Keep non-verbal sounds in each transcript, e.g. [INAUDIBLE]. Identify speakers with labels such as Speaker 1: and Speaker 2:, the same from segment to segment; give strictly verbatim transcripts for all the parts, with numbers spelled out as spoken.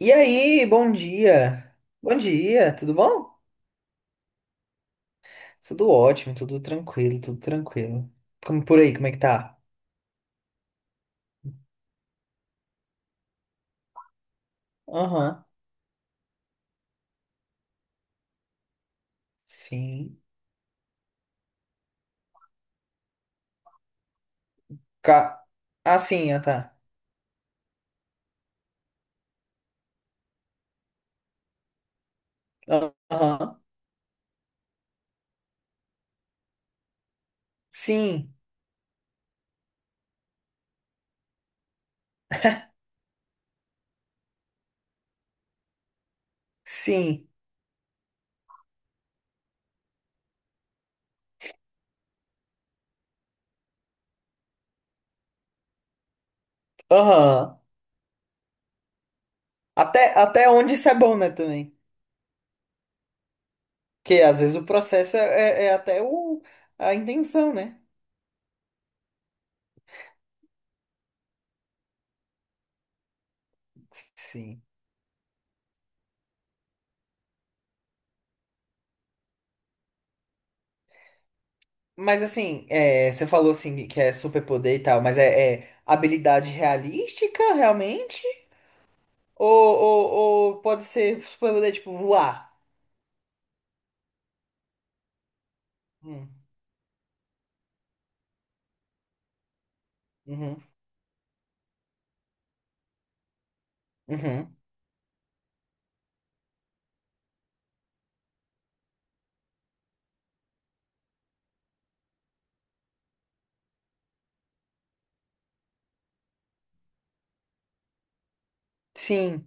Speaker 1: E aí, bom dia. Bom dia, tudo bom? Tudo ótimo, tudo tranquilo, tudo tranquilo. Como por aí, como é que tá? Aham, sim. Ca... Ah, sim, ah, tá. Aham, sim, sim. Aham. Até, até onde isso é bom, né, também? Porque às vezes o processo é, é é até o, a intenção, né? Sim. Mas assim, é, você falou assim que é superpoder e tal, mas é, é habilidade realística, realmente? Ou, ou, ou pode ser superpoder, tipo, voar. Hum, Uhum, uhum. Sim,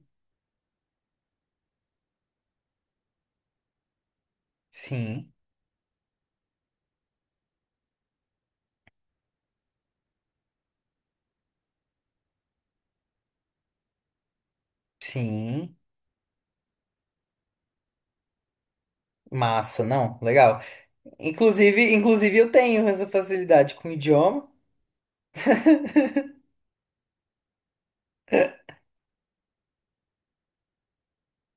Speaker 1: sim, sim. Massa, não, legal. Inclusive, inclusive eu tenho essa facilidade com o idioma.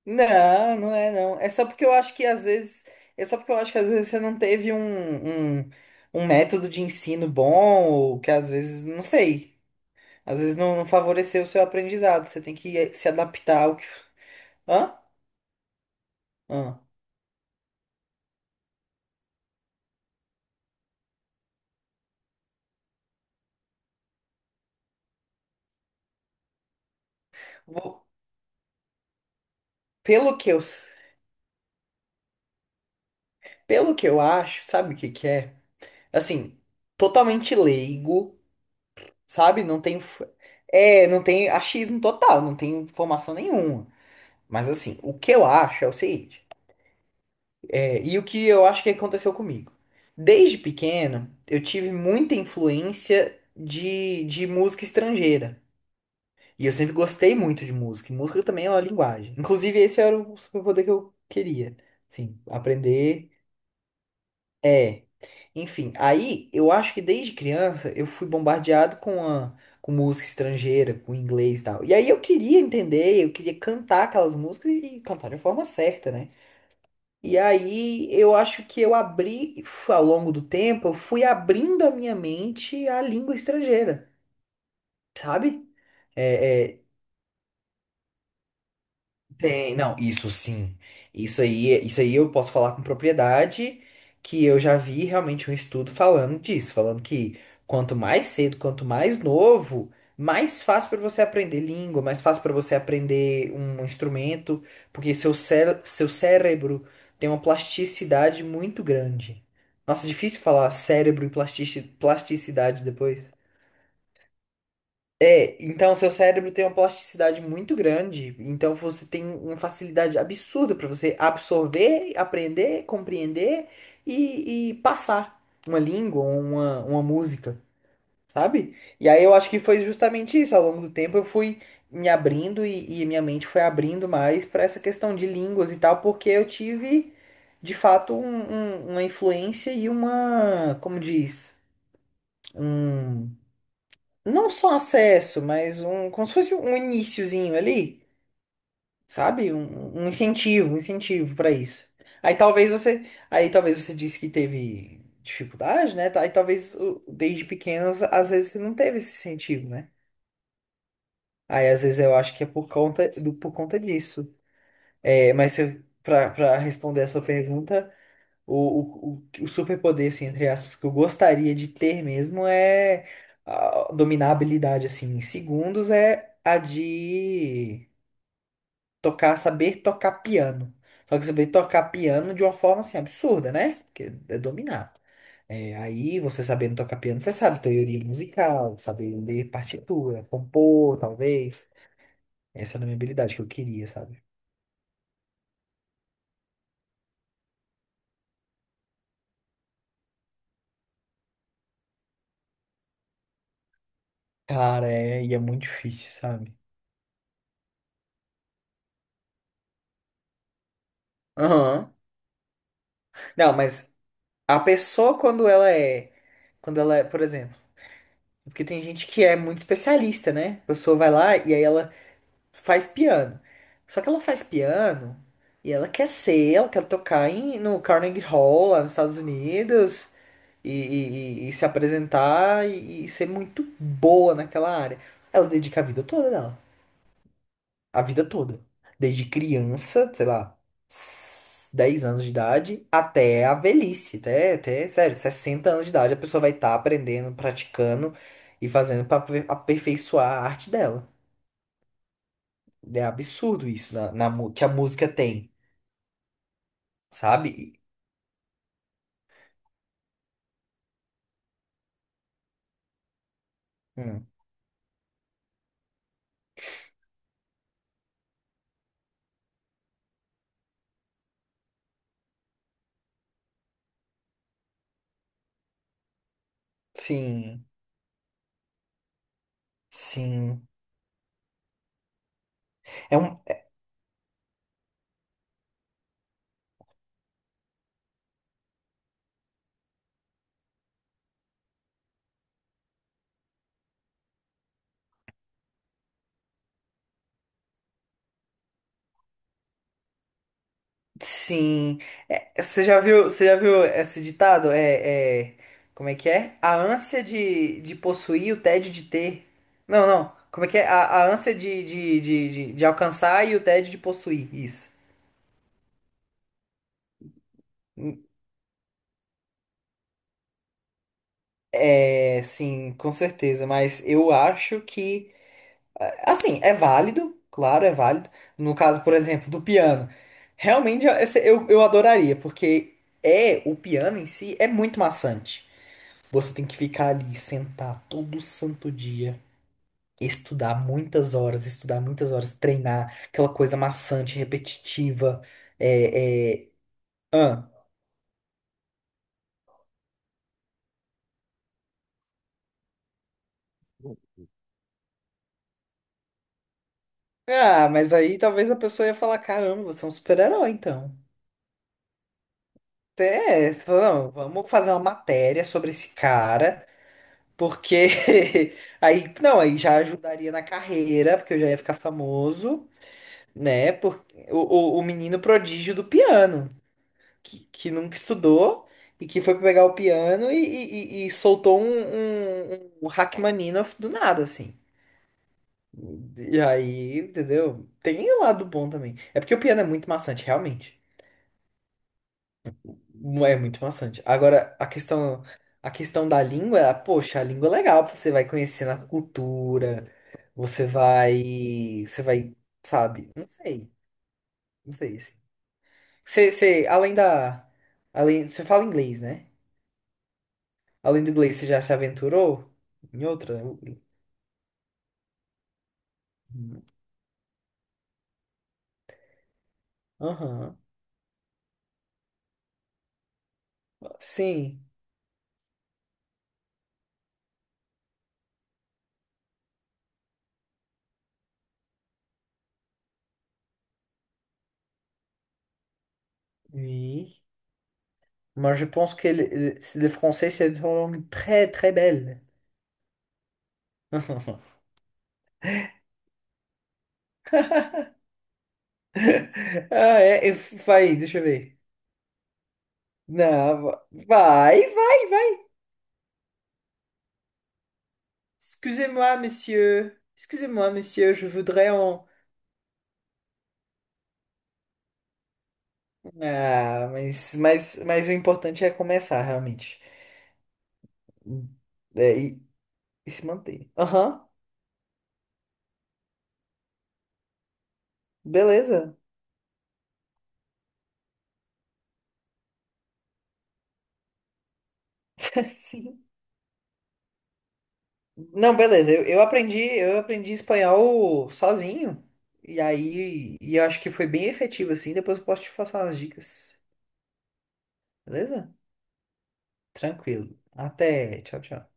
Speaker 1: Não, não é não. É só porque eu acho que às vezes, é só porque eu acho que às vezes você não teve um, um, um método de ensino bom, ou que às vezes, não sei, às vezes não, não favoreceu o seu aprendizado. Você tem que eh, se adaptar ao que. Hã? Hã? Vou- Pelo que eu. s- Pelo que eu acho, sabe o que que é? Assim, totalmente leigo, sabe? Não tem, f- é, não tem achismo total, não tem informação nenhuma. Mas assim, o que eu acho é o seguinte, é, e o que eu acho que aconteceu comigo. Desde pequeno, eu tive muita influência de, de música estrangeira. E eu sempre gostei muito de música. E música também é uma linguagem. Inclusive, esse era o superpoder que eu queria. Sim, aprender. É. Enfim, aí eu acho que desde criança eu fui bombardeado com a, com música estrangeira, com inglês e tal. E aí eu queria entender, eu queria cantar aquelas músicas e, e cantar de forma certa, né? E aí eu acho que eu abri, fu- ao longo do tempo, eu fui abrindo a minha mente à língua estrangeira, sabe? É, é, Tem, não, isso sim. Isso aí, isso aí eu posso falar com propriedade, que eu já vi realmente um estudo falando disso, falando que quanto mais cedo, quanto mais novo, mais fácil para você aprender língua, mais fácil para você aprender um instrumento, porque seu cé seu cérebro tem uma plasticidade muito grande. Nossa, difícil falar cérebro e plastici- plasticidade depois. É, então seu cérebro tem uma plasticidade muito grande, então você tem uma facilidade absurda para você absorver, aprender, compreender e, e passar uma língua, uma, uma música, sabe? E aí eu acho que foi justamente isso. Ao longo do tempo eu fui me abrindo e, e minha mente foi abrindo mais para essa questão de línguas e tal, porque eu tive de fato um- um- uma influência e uma, como diz, um não só acesso, mas um, como se fosse um iniciozinho ali, sabe? Um, um incentivo, um incentivo para isso. Aí talvez você, aí talvez você disse que teve dificuldade, né? Aí talvez o- desde pequenos, às vezes você não teve esse incentivo, né? Aí às vezes eu acho que é por conta do, por conta disso. É, mas para responder a sua pergunta O, o, o o superpoder, assim, entre aspas, que eu gostaria de ter mesmo é ah, dominar a habilidade, assim, em segundos, é a de tocar, saber tocar piano. Só que saber tocar piano de uma forma, assim, absurda, né? Porque é dominar. É, aí, você sabendo tocar piano, você sabe teoria musical, saber ler partitura, compor, talvez. Essa era a minha habilidade que eu queria, sabe? Cara, é, e é muito difícil, sabe? Aham. Não, mas a pessoa, quando ela é. Quando ela é, por exemplo. Porque tem gente que é muito especialista, né? A pessoa vai lá e aí ela faz piano. Só que ela faz piano e ela quer ser, ela quer tocar em, no Carnegie Hall, lá nos Estados Unidos, e, e- e- e se apresentar e, e ser muito boa naquela área. Ela dedica a vida toda dela. A vida toda. Desde criança, sei lá, s- dez anos de idade, até a velhice, até, até, sério, sessenta anos de idade, a pessoa vai estar aprendendo, praticando e fazendo para aperfeiçoar a arte dela. É absurdo isso na, na mu- que a música tem, sabe? Hum, sim, sim. É um. Sim. É, você já viu, você já viu esse ditado? É, é, como é que é? A ânsia de, de possuir, o tédio de ter. Não, não. Como é que é? A, a ânsia de, de, de, de, de alcançar e o tédio de possuir. Isso. É, sim, com certeza. Mas eu acho que, assim, é válido. Claro, é válido. No caso, por exemplo, do piano. Realmente, eu, eu eu adoraria, porque é, o piano em si é muito maçante. Você tem que ficar ali, sentar todo santo dia, estudar muitas horas, estudar muitas horas, treinar, aquela coisa maçante, repetitiva. É, é... Ah. Ah, mas aí talvez a pessoa ia falar: caramba, você é um super-herói, então. É, você fala, não, vamos fazer uma matéria sobre esse cara, porque [LAUGHS] aí, não, aí já ajudaria na carreira, porque eu já ia ficar famoso, né? Por, o, o, o menino prodígio do piano. que, que nunca estudou e que foi pegar o piano e, e- e- e soltou um, um, um Rachmaninoff do nada, assim. E aí, entendeu? Tem o lado bom também. É porque o piano é muito maçante, realmente. Mu- É muito maçante. Agora, a questão, a questão da língua, poxa, a língua é legal, você vai conhecendo a cultura, você vai, você vai, sabe? Não sei, não sei assim. Você, você, além da, além, você fala inglês, né? Além do inglês, você já se aventurou em outra? né? Aham. Sim. Oui. Moi, je pense que le, le le français, c'est une langue très, très belle. [LAUGHS] Ah, é, eu vai, deixa eu ver. Não, va- vai, vai, vai. Excusez-moi, monsieur. Excusez-moi, monsieur, je voudrais um. Ah, mas, mas, mas o importante é começar, realmente. É, e, e se manter. Aham, beleza. [LAUGHS] Sim. Não, beleza. Eu, eu aprendi, eu aprendi espanhol sozinho. E aí, e eu acho que foi bem efetivo assim. Depois eu posso te passar umas dicas. Beleza? Tranquilo. Até. Tchau, tchau.